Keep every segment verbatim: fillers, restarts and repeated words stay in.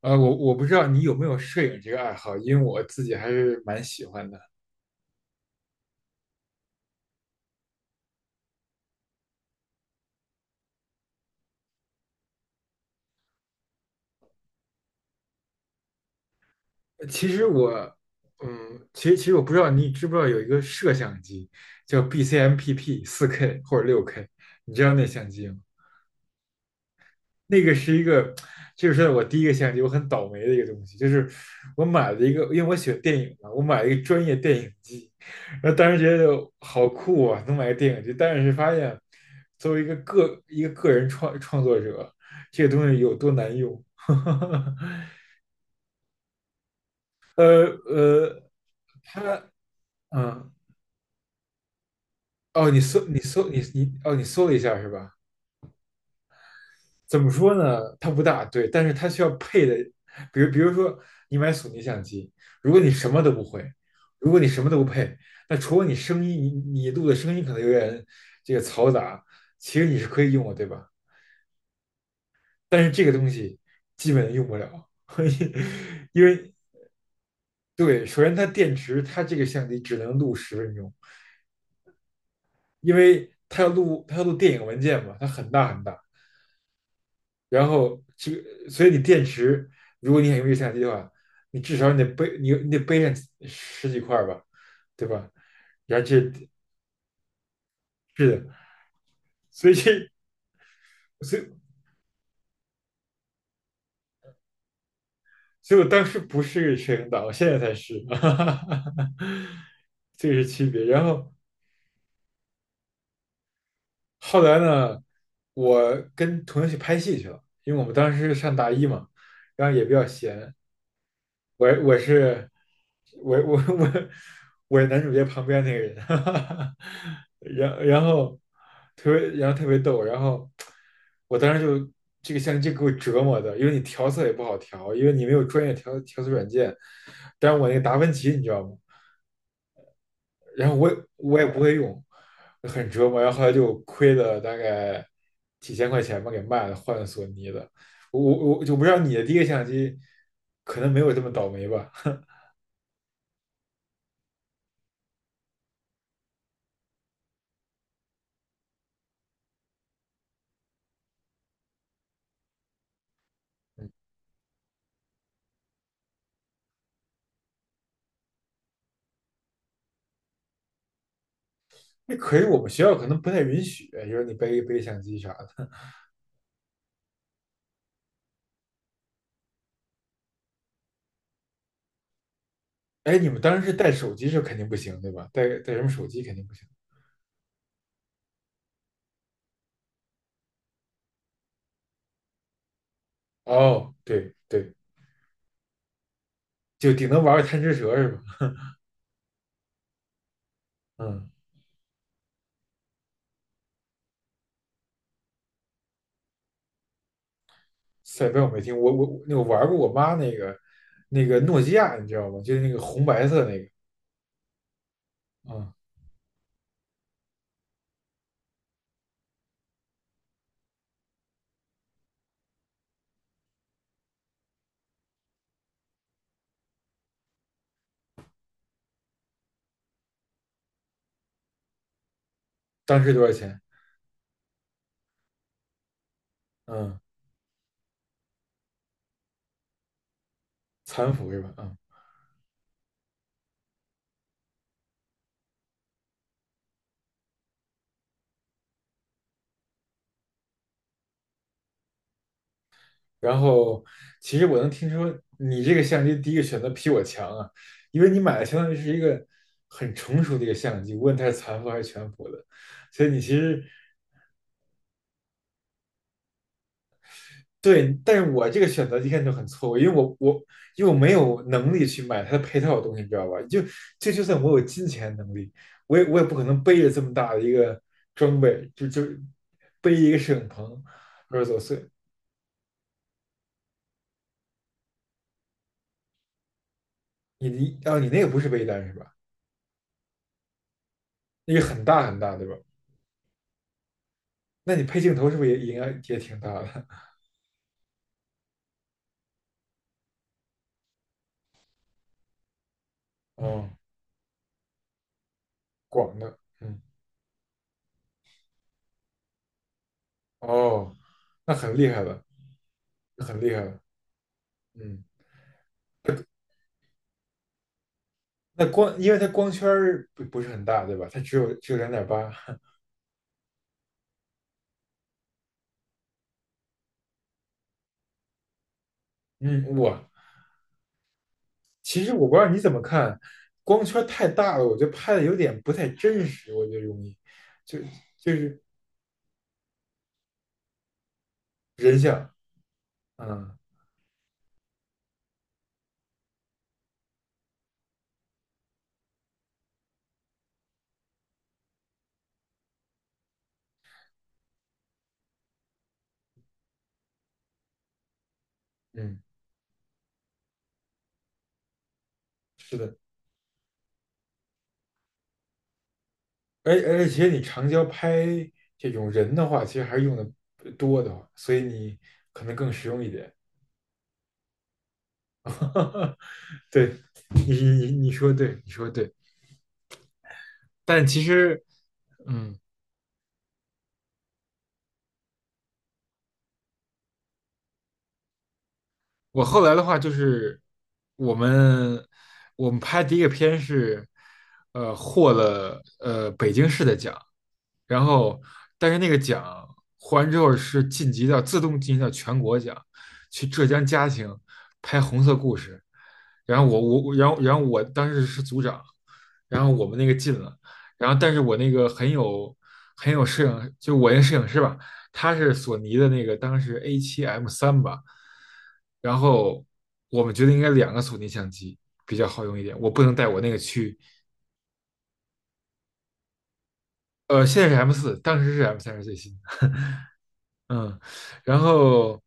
呃，我我不知道你有没有摄影这个爱好，因为我自己还是蛮喜欢的。呃其实我，嗯，其实其实我不知道你知不知道有一个摄像机叫 B C M P P 四 k 或者六 k， 你知道那相机吗？那个是一个，这就是我第一个相机，我很倒霉的一个东西，就是我买了一个，因为我喜欢电影嘛，我买了一个专业电影机，然后当时觉得好酷啊，能买个电影机，但是发现作为一个个一个个人创创作者，这个东西有多难用。呃呃，它嗯哦，你搜你搜你你哦，你搜了一下是吧？怎么说呢？它不大，对，但是它需要配的，比如比如说你买索尼相机，如果你什么都不会，如果你什么都不配，那除了你声音，你你录的声音可能有点这个嘈杂，其实你是可以用的，对吧？但是这个东西基本用不了。因为对，首先它电池，它这个相机只能录十分钟，因为它要录它要录电影文件嘛，它很大很大。然后这个，所以你电池，如果你想用一相机的话，你至少你得背，你你得背上十几块吧，对吧？然后这是的。所以这所以所以我当时不是摄影党，我现在才是。哈哈哈哈，这个是区别。然后后来呢，我跟同学去拍戏去了，因为我们当时上大一嘛，然后也比较闲。我我是我我我我是男主角旁边那个人。哈哈，然然后特别然后特别逗，然后我当时就这个相机就给我折磨的，因为你调色也不好调，因为你没有专业调调色软件。但是我那个达芬奇你知道吗？然后我也我也不会用，很折磨。然后后来就亏了大概几千块钱吧，给卖了，换了索尼的。我我我就不知道你的第一个相机可能没有这么倒霉吧？那可是我们学校可能不太允许，就是你背背相机啥的。哎，你们当时是带手机是肯定不行，对吧？带带什么手机肯定不行。哦，对对，就顶能玩个贪吃蛇是吧？嗯，赛班我没听，我我那我玩过我妈那个那个诺基亚，你知道吗？就是那个红白色那个。嗯，当时多少钱？嗯，残幅是吧？嗯，然后其实我能听说你这个相机第一个选择比我强啊。因为你买的相当于是一个很成熟的一个相机，无论它是残幅还是全幅的，所以你其实对。但是我这个选择一看就很错误，因为我我因为我没有能力去买它的配套的东西，你知道吧？就就就算我有金钱能力，我也我也不可能背着这么大的一个装备，就就背一个摄影棚。二十多岁，你你啊你那个不是背单是吧？那个很大很大，对吧？那你配镜头是不是也应该也挺大的？哦，广的。嗯，哦，那很厉害了，很厉害了，嗯。那光因为它光圈儿不不是很大，对吧？它只有只有两点八。 嗯，哇，其实我不知道你怎么看。光圈太大了，我觉得拍的有点不太真实，我觉得容易，就就是人像。嗯嗯，是的。而而且你长焦拍这种人的话，其实还是用的多的，所以你可能更实用一点。对，你你你说对，你说对。但其实，嗯，我后来的话就是我们我们拍第一个片是，呃，获了呃北京市的奖。然后但是那个奖获完之后是晋级到自动晋级到全国奖，去浙江嘉兴拍《红色故事》。然后我我我然后然后我当时是组长，然后我们那个进了。然后但是我那个很有很有摄影，就我那摄影师吧，它是索尼的那个当时 A 七 M 三吧。然后我们觉得应该两个索尼相机比较好用一点，我不能带我那个去。呃，现在是 M 四，当时是 M 三是最新。嗯，然后，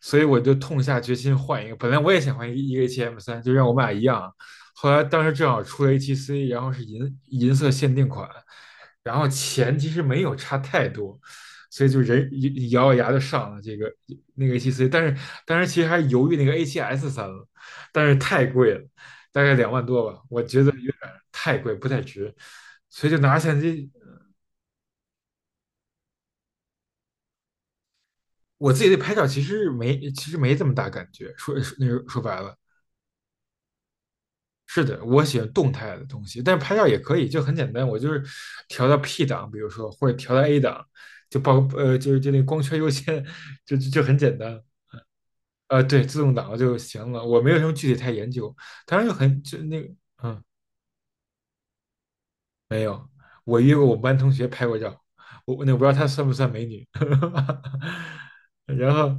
所以我就痛下决心换一个。本来我也想换一个一个 H M 三，就让我们俩一样。后来当时正好出了 h c， 然后是银银色限定款，然后钱其实没有差太多，所以就人咬咬牙就上了这个那个 a 七 c， 但是当时其实还犹豫那个 A 七 S 三了，但是太贵了，大概两万多吧，我觉得有点太贵，不太值。所以就拿相机。我自己对拍照其实没其实没这么大感觉，说说那说白了。是的，我喜欢动态的东西，但是拍照也可以，就很简单，我就是调到 P 档，比如说或者调到 A 档，就报呃就是就那光圈优先。就就就很简单。呃对，自动挡就行了，我没有什么具体太研究，当然就很就那个嗯。没有，我约过我们班同学拍过照，我那我不知道她算不算美女。然后，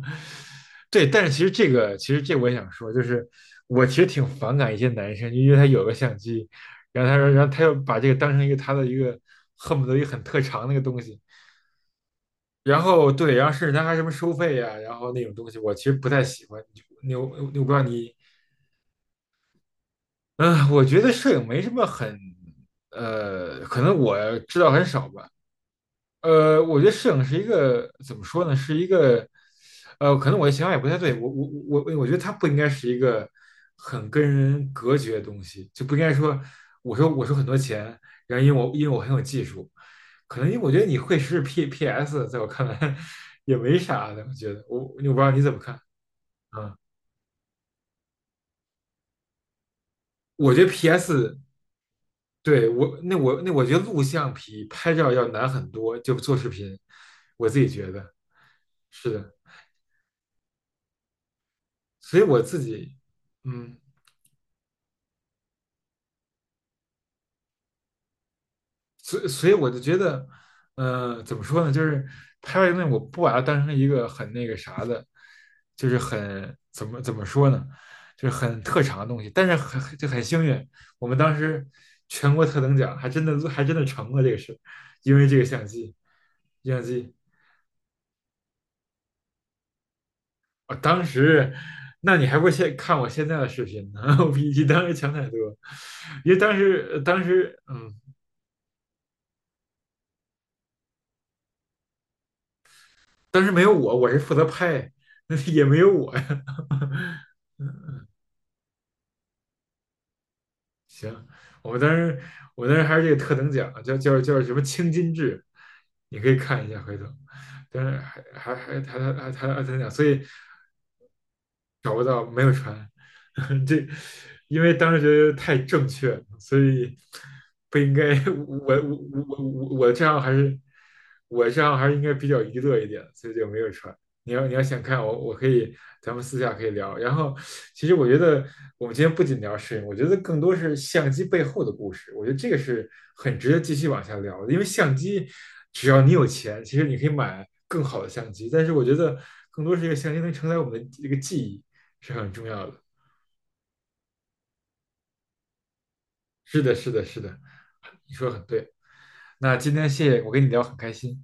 对，但是其实这个，其实这我也想说，就是我其实挺反感一些男生，因为他有个相机。然后他说，然后他又把这个当成一个他的一个恨不得一个很特长那个东西，然后对，然后甚至他还什么收费呀、然后那种东西，我其实不太喜欢。你我我不知道你。嗯、我觉得摄影没什么很，呃，可能我知道很少吧。呃，我觉得摄影是一个怎么说呢？是一个，呃，可能我的想法也不太对。我我我我我觉得它不应该是一个很跟人隔绝的东西，就不应该说我说我说很多钱。然后因为我因为我很有技术，可能因为我觉得你会是 P P S，在我看来 也没啥的。我觉得我我不知道你怎么看。啊？我觉得 P S， 对我那我那我觉得录像比拍照要难很多，就做视频，我自己觉得是的。所以我自己。嗯，所以所以我就觉得，呃，怎么说呢？就是拍外东西，我不把它当成一个很那个啥的，就是很怎么怎么说呢？就是很特长的东西。但是很就很幸运，我们当时全国特等奖还真的还真的成了这个事，因为这个相机。相机，我当时。那你还不现看我现在的视频呢？我比你当时强太多，因为当时当时嗯，但是没有我，我是负责拍，那也没有我呀。行，我当时我当时还是这个特等奖，叫叫叫什么青金制，你可以看一下回头。但是还还还还还还还特等奖，所以找不到，没有船。这因为当时觉得太正确了，所以不应该。我我我我我这账号还是我这样还是应该比较娱乐一点，所以就没有传。你要你要想看我，我可以，咱们私下可以聊。然后，其实我觉得我们今天不仅聊摄影，我觉得更多是相机背后的故事。我觉得这个是很值得继续往下聊的，因为相机，只要你有钱，其实你可以买更好的相机。但是我觉得更多是一个相机能承载我们的一个记忆。是很重要的。是的，是的，是的，你说的很对。那今天谢谢我跟你聊很开心，